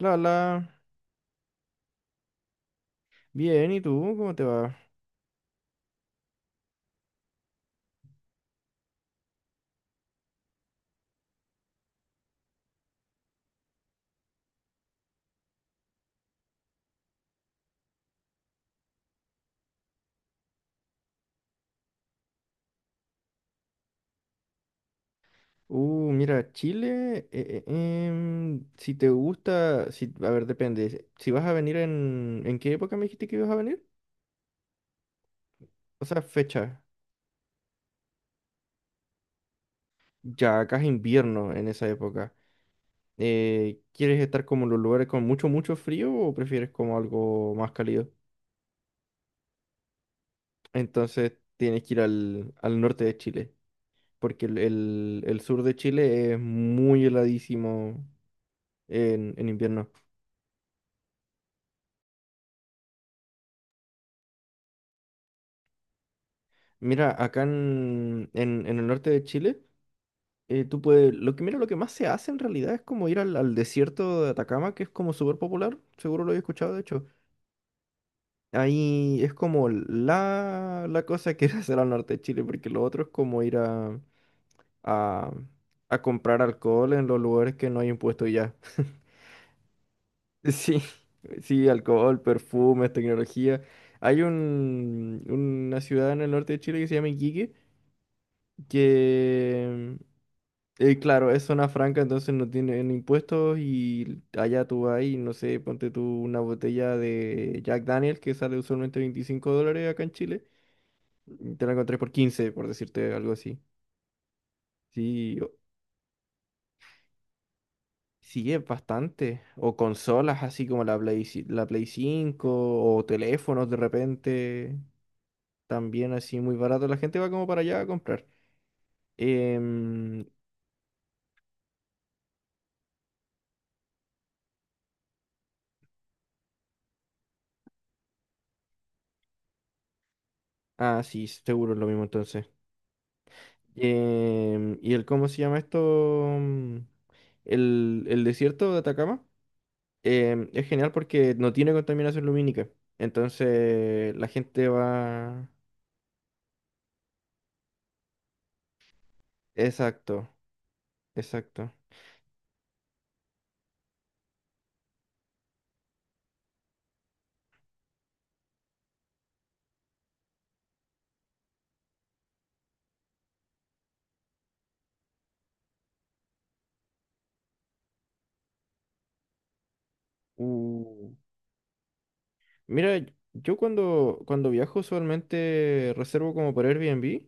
La, la. Bien, ¿y tú? ¿Cómo te va? Mira, Chile, si te gusta, a ver, depende. Si vas a venir ¿en qué época me dijiste que ibas a venir? O sea, fecha. Ya, acá es invierno en esa época. ¿Quieres estar como en los lugares con mucho frío o prefieres como algo más cálido? Entonces tienes que ir al norte de Chile, porque el sur de Chile es muy heladísimo en invierno. Mira, acá en el norte de Chile, tú puedes, lo que, mira, lo que más se hace en realidad es como ir al desierto de Atacama, que es como súper popular, seguro lo he escuchado, de hecho. Ahí es como la cosa que hacer al norte de Chile, porque lo otro es como ir a, a comprar alcohol en los lugares que no hay impuesto ya. Sí, sí, alcohol, perfumes, tecnología. Hay una ciudad en el norte de Chile que se llama Iquique, que claro, es zona franca, entonces no tienen impuestos y allá tú vas y no sé, ponte tú una botella de Jack Daniel que sale usualmente $25 acá en Chile te la encontré por 15, por decirte algo así. Sí, sí, es bastante. O consolas así como la Play, la Play 5 o teléfonos de repente. También así muy barato. La gente va como para allá a comprar. Em, ah, sí, seguro es lo mismo entonces. Y el, ¿cómo se llama esto? Mm, el desierto de Atacama es genial porque no tiene contaminación lumínica. Entonces la gente va... Exacto, exacto. Uh, mira, yo cuando viajo usualmente reservo como por Airbnb.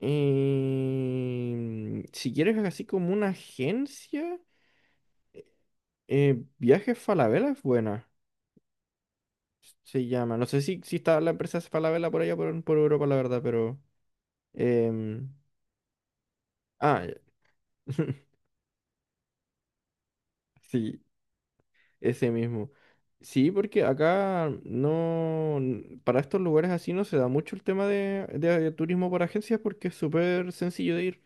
Y si quieres así como una agencia, Viajes Falabella es buena se llama. No sé si está la empresa Falabella por allá, por Europa, la verdad, pero... em, ah, ya. Sí, ese mismo. Sí, porque acá no... para estos lugares así no se da mucho el tema de turismo por agencias porque es súper sencillo de ir.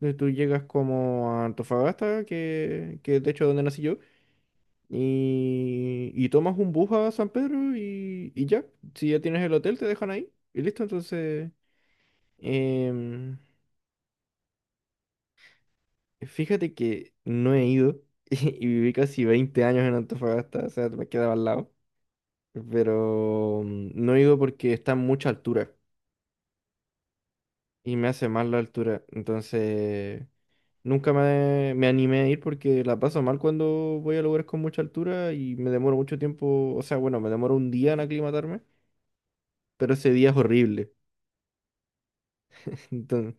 Tú llegas como a Antofagasta, que de hecho es donde nací yo, y tomas un bus a San Pedro y ya. Si ya tienes el hotel, te dejan ahí y listo. Em, Fíjate que no he ido y viví casi 20 años en Antofagasta, o sea, me quedaba al lado, pero no he ido porque está a mucha altura y me hace mal la altura, entonces nunca me, me animé a ir porque la paso mal cuando voy a lugares con mucha altura y me demoro mucho tiempo, o sea, bueno, me demoro un día en aclimatarme, pero ese día es horrible. Entonces,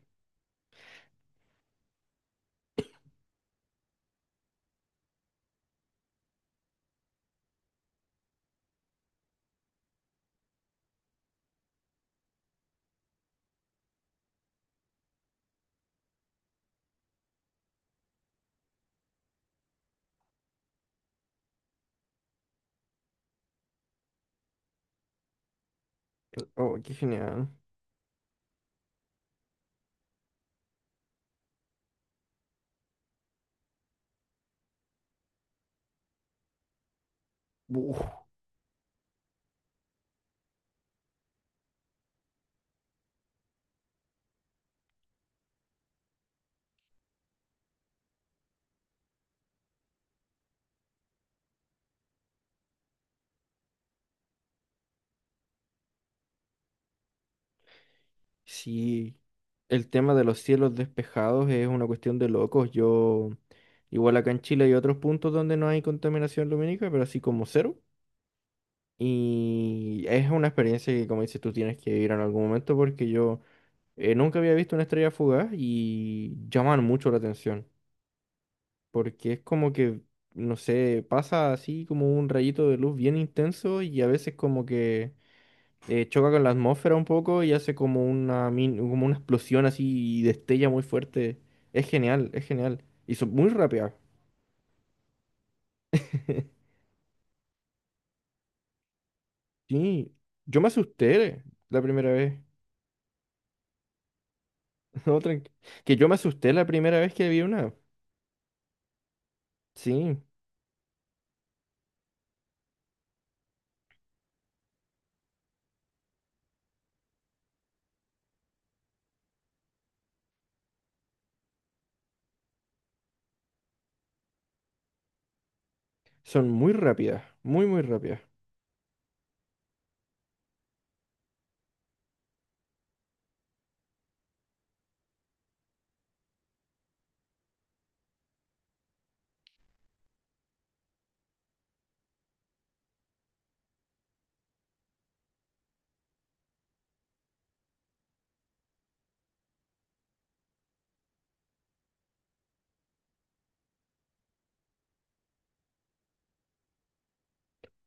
oh, qué genial. Uf. Sí, el tema de los cielos despejados es una cuestión de locos. Yo, igual acá en Chile hay otros puntos donde no hay contaminación lumínica, pero así como cero. Y es una experiencia que, como dices, tú tienes que ir en algún momento porque yo nunca había visto una estrella fugaz y llaman mucho la atención. Porque es como no sé, pasa así como un rayito de luz bien intenso y a veces como que choca con la atmósfera un poco y hace como como una explosión así y destella muy fuerte. Es genial, es genial. Y son muy rápidas. Sí, yo me asusté la primera vez. No, que yo me asusté la primera vez que vi una. Sí, son muy rápidas, muy rápidas.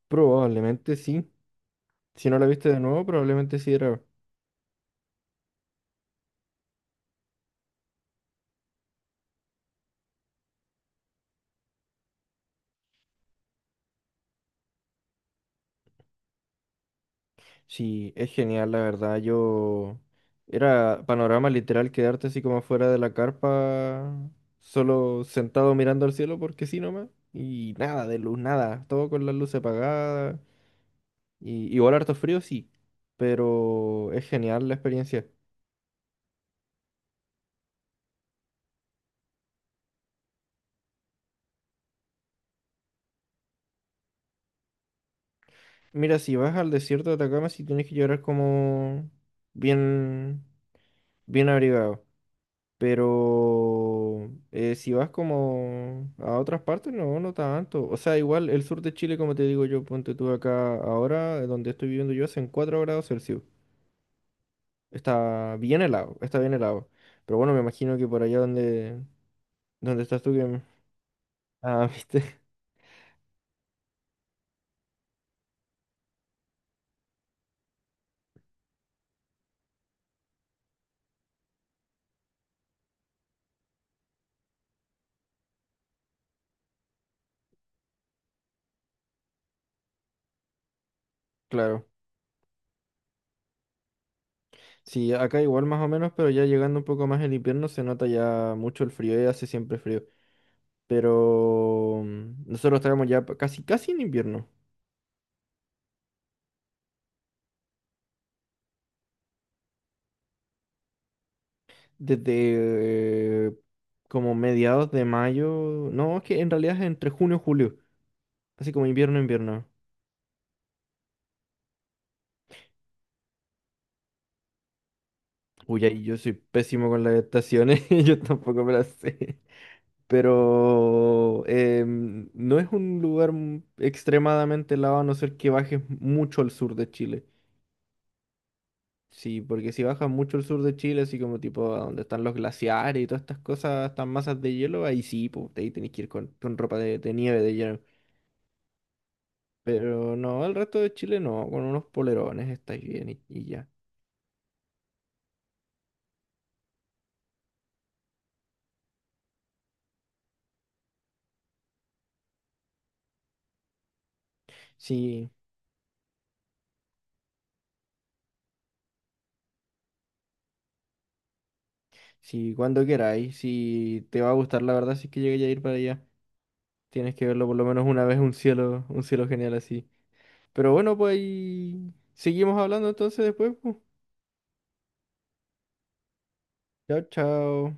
Probablemente sí. Si no la viste de nuevo, probablemente sí era. Sí, es genial, la verdad. Yo era panorama literal quedarte así como fuera de la carpa, solo sentado mirando al cielo porque sí nomás. Y nada de luz, nada. Todo con las luces apagadas. Y igual harto frío, sí. Pero es genial la experiencia. Mira, si vas al desierto de Atacama, sí tienes que llorar como bien, bien abrigado. Pero si vas como a otras partes, no, no tanto. O sea, igual el sur de Chile, como te digo yo, ponte tú acá ahora, donde estoy viviendo yo, hacen 4 °C. Está bien helado, está bien helado. Pero bueno, me imagino que por allá donde estás tú que... Ah, viste, claro. Sí, acá igual más o menos, pero ya llegando un poco más el invierno se nota ya mucho el frío y hace siempre frío. Pero nosotros estábamos ya casi, casi en invierno. Desde como mediados de mayo. No, es que en realidad es entre junio y julio. Así como invierno, invierno. Uy, ahí yo soy pésimo con las estaciones. Yo tampoco me las sé. Pero no es un lugar extremadamente helado a no ser que bajes mucho al sur de Chile. Sí, porque si bajas mucho al sur de Chile, así como tipo a donde están los glaciares y todas estas cosas, estas masas de hielo, ahí sí, pues ahí tenés que ir con ropa de nieve, de hielo. Pero no, el resto de Chile no, con unos polerones estáis bien y ya. Sí, sí, cuando queráis, si te va a gustar, la verdad, si es que llegué a ir para allá, tienes que verlo por lo menos una vez, un cielo genial así. Pero bueno, pues ahí seguimos hablando entonces después, pues. Chao, chao.